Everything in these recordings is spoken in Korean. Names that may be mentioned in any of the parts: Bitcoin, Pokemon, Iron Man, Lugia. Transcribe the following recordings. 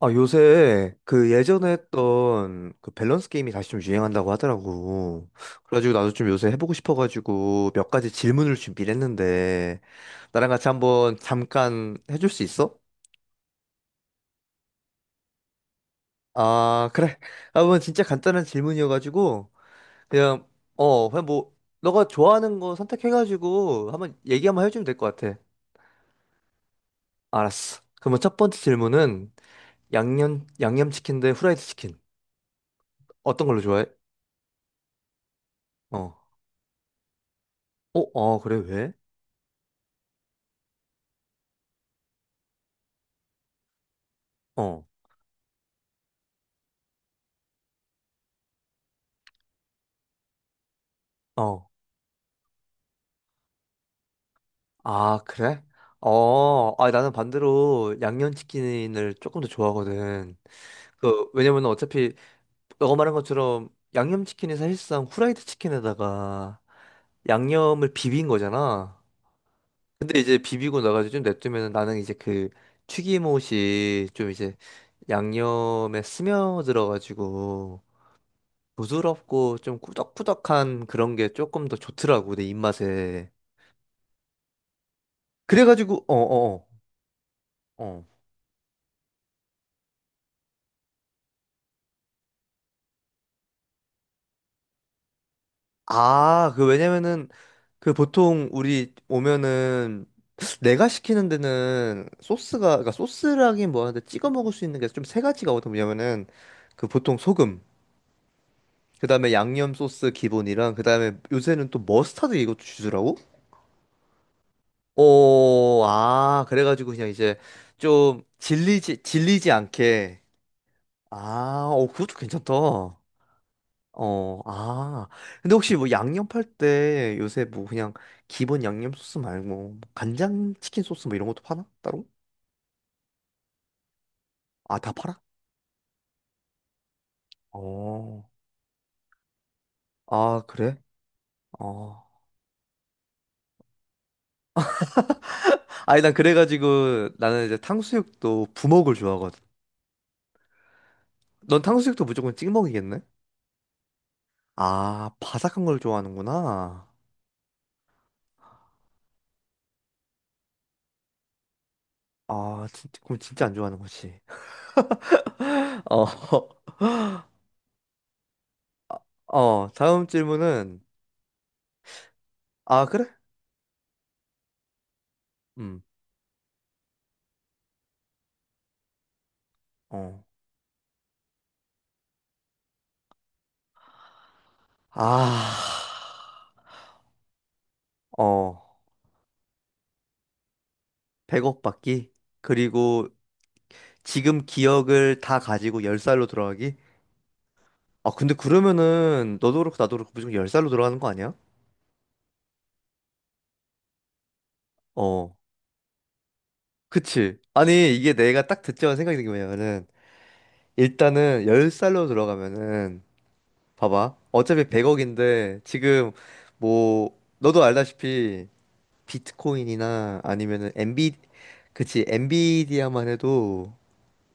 아, 요새 그 예전에 했던 그 밸런스 게임이 다시 좀 유행한다고 하더라고. 그래가지고 나도 좀 요새 해보고 싶어가지고 몇 가지 질문을 준비를 했는데 나랑 같이 한번 잠깐 해줄 수 있어? 아, 그래. 아, 그건 진짜 간단한 질문이어가지고 그냥 그냥 뭐 너가 좋아하는 거 선택해가지고 한번 얘기 한번 해주면 될 것 같아. 알았어. 그럼 첫 번째 질문은 양념치킨 대 후라이드 치킨, 어떤 걸로 좋아해? 어. 어, 어, 그래, 왜? 어. 어. 아, 그래? 어, 아, 나는 반대로 양념치킨을 조금 더 좋아하거든. 그, 왜냐면 어차피, 너가 말한 것처럼 양념치킨이 사실상 후라이드 치킨에다가 양념을 비빈 거잖아. 근데 이제 비비고 나가지고 좀 냅두면 나는 이제 그 튀김옷이 좀 이제 양념에 스며들어가지고 부드럽고 좀 꾸덕꾸덕한 그런 게 조금 더 좋더라고, 내 입맛에. 그래가지고, 어어어. 아, 그 왜냐면은 그 보통 우리 오면은 내가 시키는 데는 소스가, 그러니까 소스라긴 뭐하는데 찍어 먹을 수 있는 게 좀 세 가지가 거든. 뭐냐면은 그 보통 소금, 그다음에 양념 소스 기본이랑, 그다음에 요새는 또 머스타드 이것도 주더라고. 오, 아, 그래가지고 그냥 이제 좀 질리지 않게. 아, 오, 그것도 괜찮다. 어, 아. 근데 혹시 뭐 양념할 때 요새 뭐 그냥 기본 양념 소스 말고 뭐 간장 치킨 소스 뭐 이런 것도 파나? 따로? 아, 다 팔아? 어. 아, 그래? 어. 아니, 난 그래가지고 나는 이제 탕수육도 부먹을 좋아하거든. 넌 탕수육도 무조건 찍먹이겠네? 아, 바삭한 걸 좋아하는구나. 아, 진짜, 그럼 진짜 안 좋아하는 거지. 어, 어, 다음 질문은, 아, 그래? 음, 어. 아, 어. 100억 받기, 그리고 지금 기억을 다 가지고 10살로 돌아가기. 아 근데 그러면은 너도 그렇고 나도 그렇고 무조건 10살로 돌아가는 거 아니야? 어, 그치. 아니, 이게 내가 딱 듣자마자 생각이 든 게 뭐냐면은, 일단은 10살로 돌아가면은, 봐봐, 어차피 100억인데 지금 뭐 너도 알다시피 비트코인이나 아니면은 엔비, 그치, 엔비디아만 해도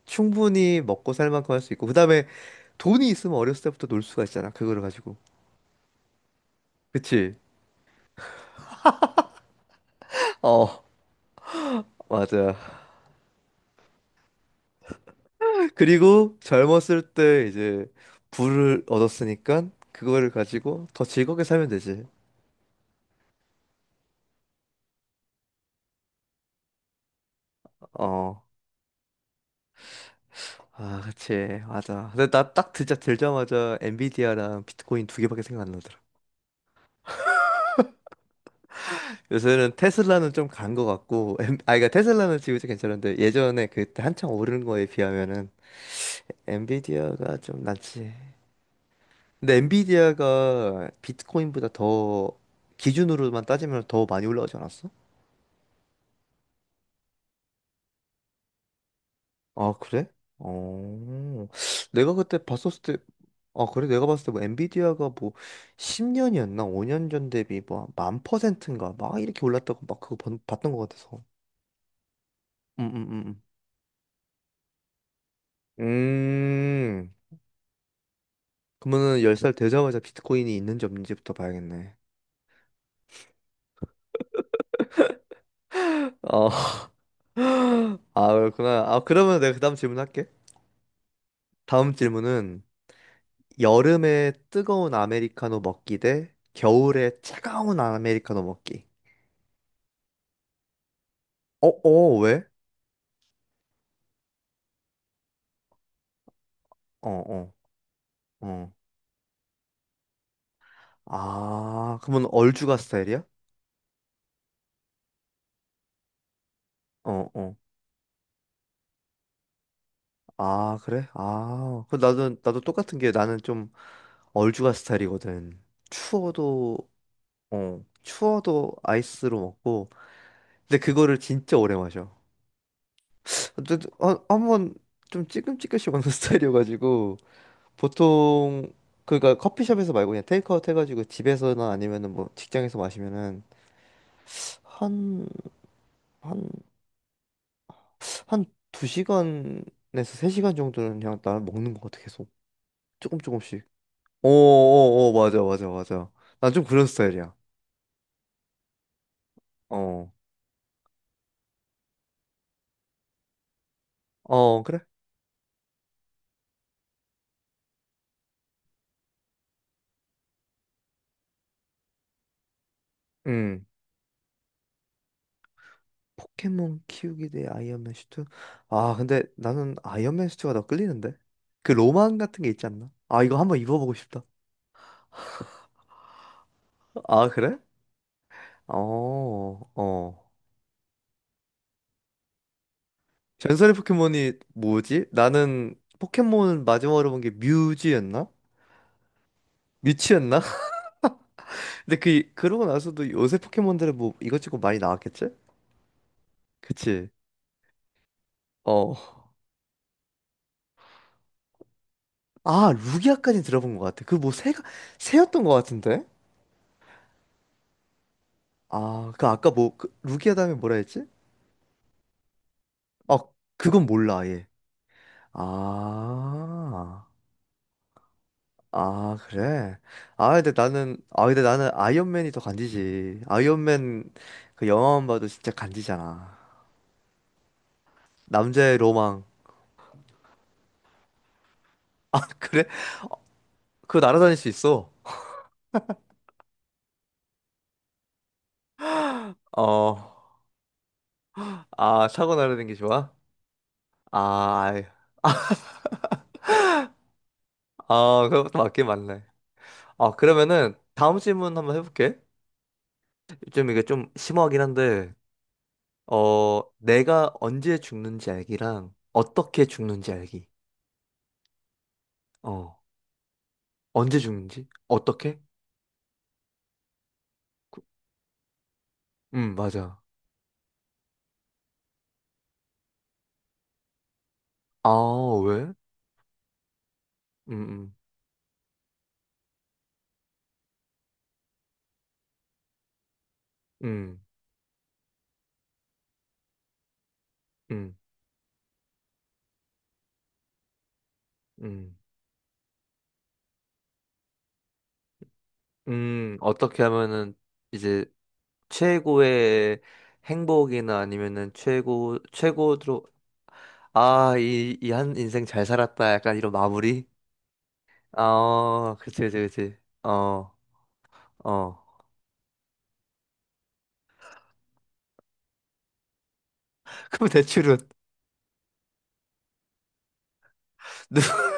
충분히 먹고 살 만큼 할 수 있고. 그다음에 돈이 있으면 어렸을 때부터 놀 수가 있잖아, 그거를 가지고. 그치? 어, 맞아. 그리고 젊었을 때 이제 부를 얻었으니까 그거를 가지고 더 즐겁게 살면 되지. 어. 아, 그치. 맞아. 근데 나 딱 들자마자 엔비디아랑 비트코인 두 개밖에 생각 안 나더라. 요새는 테슬라는 좀 간 거 같고, 아, 그러니까 테슬라는 지금 이제 괜찮은데 예전에 그때 한창 오른 거에 비하면은 엔비디아가 좀 낫지. 근데 엔비디아가 비트코인보다 더, 기준으로만 따지면 더 많이 올라가지 않았어? 아, 그래? 어. 내가 그때 봤었을 때, 아, 그래? 내가 봤을 때 뭐 엔비디아가 뭐 10년이었나? 5년 전 대비 뭐 만 퍼센트인가? 막 이렇게 올랐다고 막 봤던 것 같아서. 음, 음, 음. 음. 음. 그러면은 10살 되자마자 비트코인이 있는지 없는지부터 봐야겠네. 어. 아, 그렇구나. 아, 그러면 내가 그 다음 질문 할게. 다음 질문은 여름에 뜨거운 아메리카노 먹기 대 겨울에 차가운 아메리카노 먹기. 어, 어, 왜? 어, 어, 어. 아, 그러면 얼죽아 스타일이야? 어, 어. 아, 그래? 아, 그 나도 똑같은 게, 나는 좀 얼죽아 스타일이거든. 추워도, 어, 추워도 아이스로 먹고. 근데 그거를 진짜 오래 마셔. 근데 한번 좀 찌끔찌끔씩 먹는 스타일이어가지고 보통, 그러니까 커피숍에서 말고 그냥 테이크아웃 해가지고 집에서나 아니면은 뭐 직장에서 마시면은 한 한 한 두 시간에서 3시간 정도는 그냥 나는 먹는 것 같아, 계속 조금 조금씩. 어어어, 맞아 맞아 맞아. 난 좀 그런 스타일이야. 어 어 그래. 음 포켓몬 키우기 대 아이언맨 슈트. 아 근데 나는 아이언맨 슈트가 더 끌리는데, 그 로망 같은 게 있지 않나. 아, 이거 한번 입어보고 싶다. 아 그래. 어어. 전설의 포켓몬이 뭐지? 나는 포켓몬 마지막으로 본 게 뮤지였나? 뮤치였나? 근데 그 그러고 나서도 요새 포켓몬들은 뭐 이것저것 많이 나왔겠지? 그치? 어. 아, 루기아까지 들어본 것 같아. 그 뭐 새가, 새였던 것 같은데? 아, 그 아까 뭐 그, 루기아 다음에 뭐라 했지? 아, 그건 몰라 아예. 아. 아, 그래. 아, 근데 나는 아이언맨이 더 간지지. 아이언맨, 그 영화만 봐도 진짜 간지잖아. 남자의 로망. 아, 그래? 그거 날아다닐 수 있어. 어, 아, 차고 날아다니는 게 좋아? 아, 아이. 아, 그것도 맞긴 맞네. 아, 그러면은 다음 질문 한번 해볼게. 좀 이게 좀 심오하긴 한데, 어, 내가 언제 죽는지 알기랑 어떻게 죽는지 알기. 어, 언제 죽는지? 어떻게? 맞아. 아, 왜? 음, 음, 음, 음, 음, 어떻게 하면은 이제 최고의 행복이나 아니면은 최고, 최고로. 아, 이, 이 한 인생 잘 살았다, 약간 이런 마무리? 어, 그치, 그치, 그치. 어, 어. 그럼 대출은, 누가,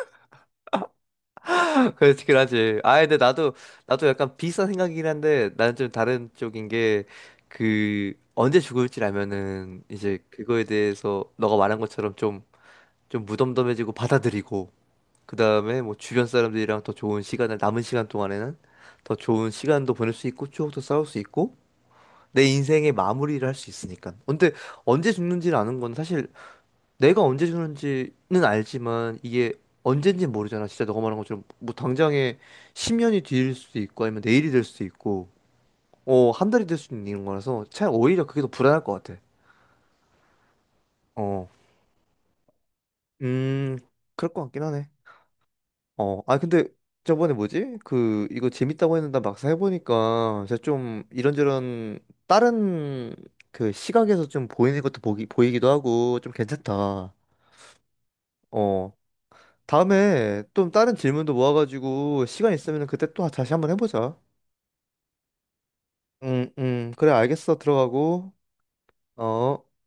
그렇긴 하지. 아, 근데 나도 나도 약간 비슷한 생각이긴 한데 나는 좀 다른 쪽인 게, 그 언제 죽을지 알면은 이제 그거에 대해서 너가 말한 것처럼 좀 좀 무덤덤해지고 받아들이고, 그 다음에 뭐 주변 사람들이랑 더 좋은 시간을, 남은 시간 동안에는 더 좋은 시간도 보낼 수 있고 추억도 쌓을 수 있고 내 인생의 마무리를 할 수 있으니까. 근데 언제 죽는지를 아는 건, 사실 내가 언제 죽는지는 알지만 이게 언젠지 모르잖아. 진짜 너가 말한 것처럼 뭐 당장에 10년이 뒤일 수도 있고 아니면 내일이 될 수도 있고, 어, 한 달이 될 수도 있는 거라서 차라리 오히려 그게 더 불안할 것 같아. 어. 음, 그럴 것 같긴 하네. 어, 아 근데 저번에 뭐지? 그 이거 재밌다고 했는데 막상 해보니까 제가 좀 이런저런 다른 그 시각에서 좀 보이는 것도 보기 보이기도 하고 좀 괜찮다. 어, 다음에 좀 다른 질문도 모아가지고 시간 있으면 그때 또 다시 한번 해보자. 그래 알겠어. 들어가고. 어.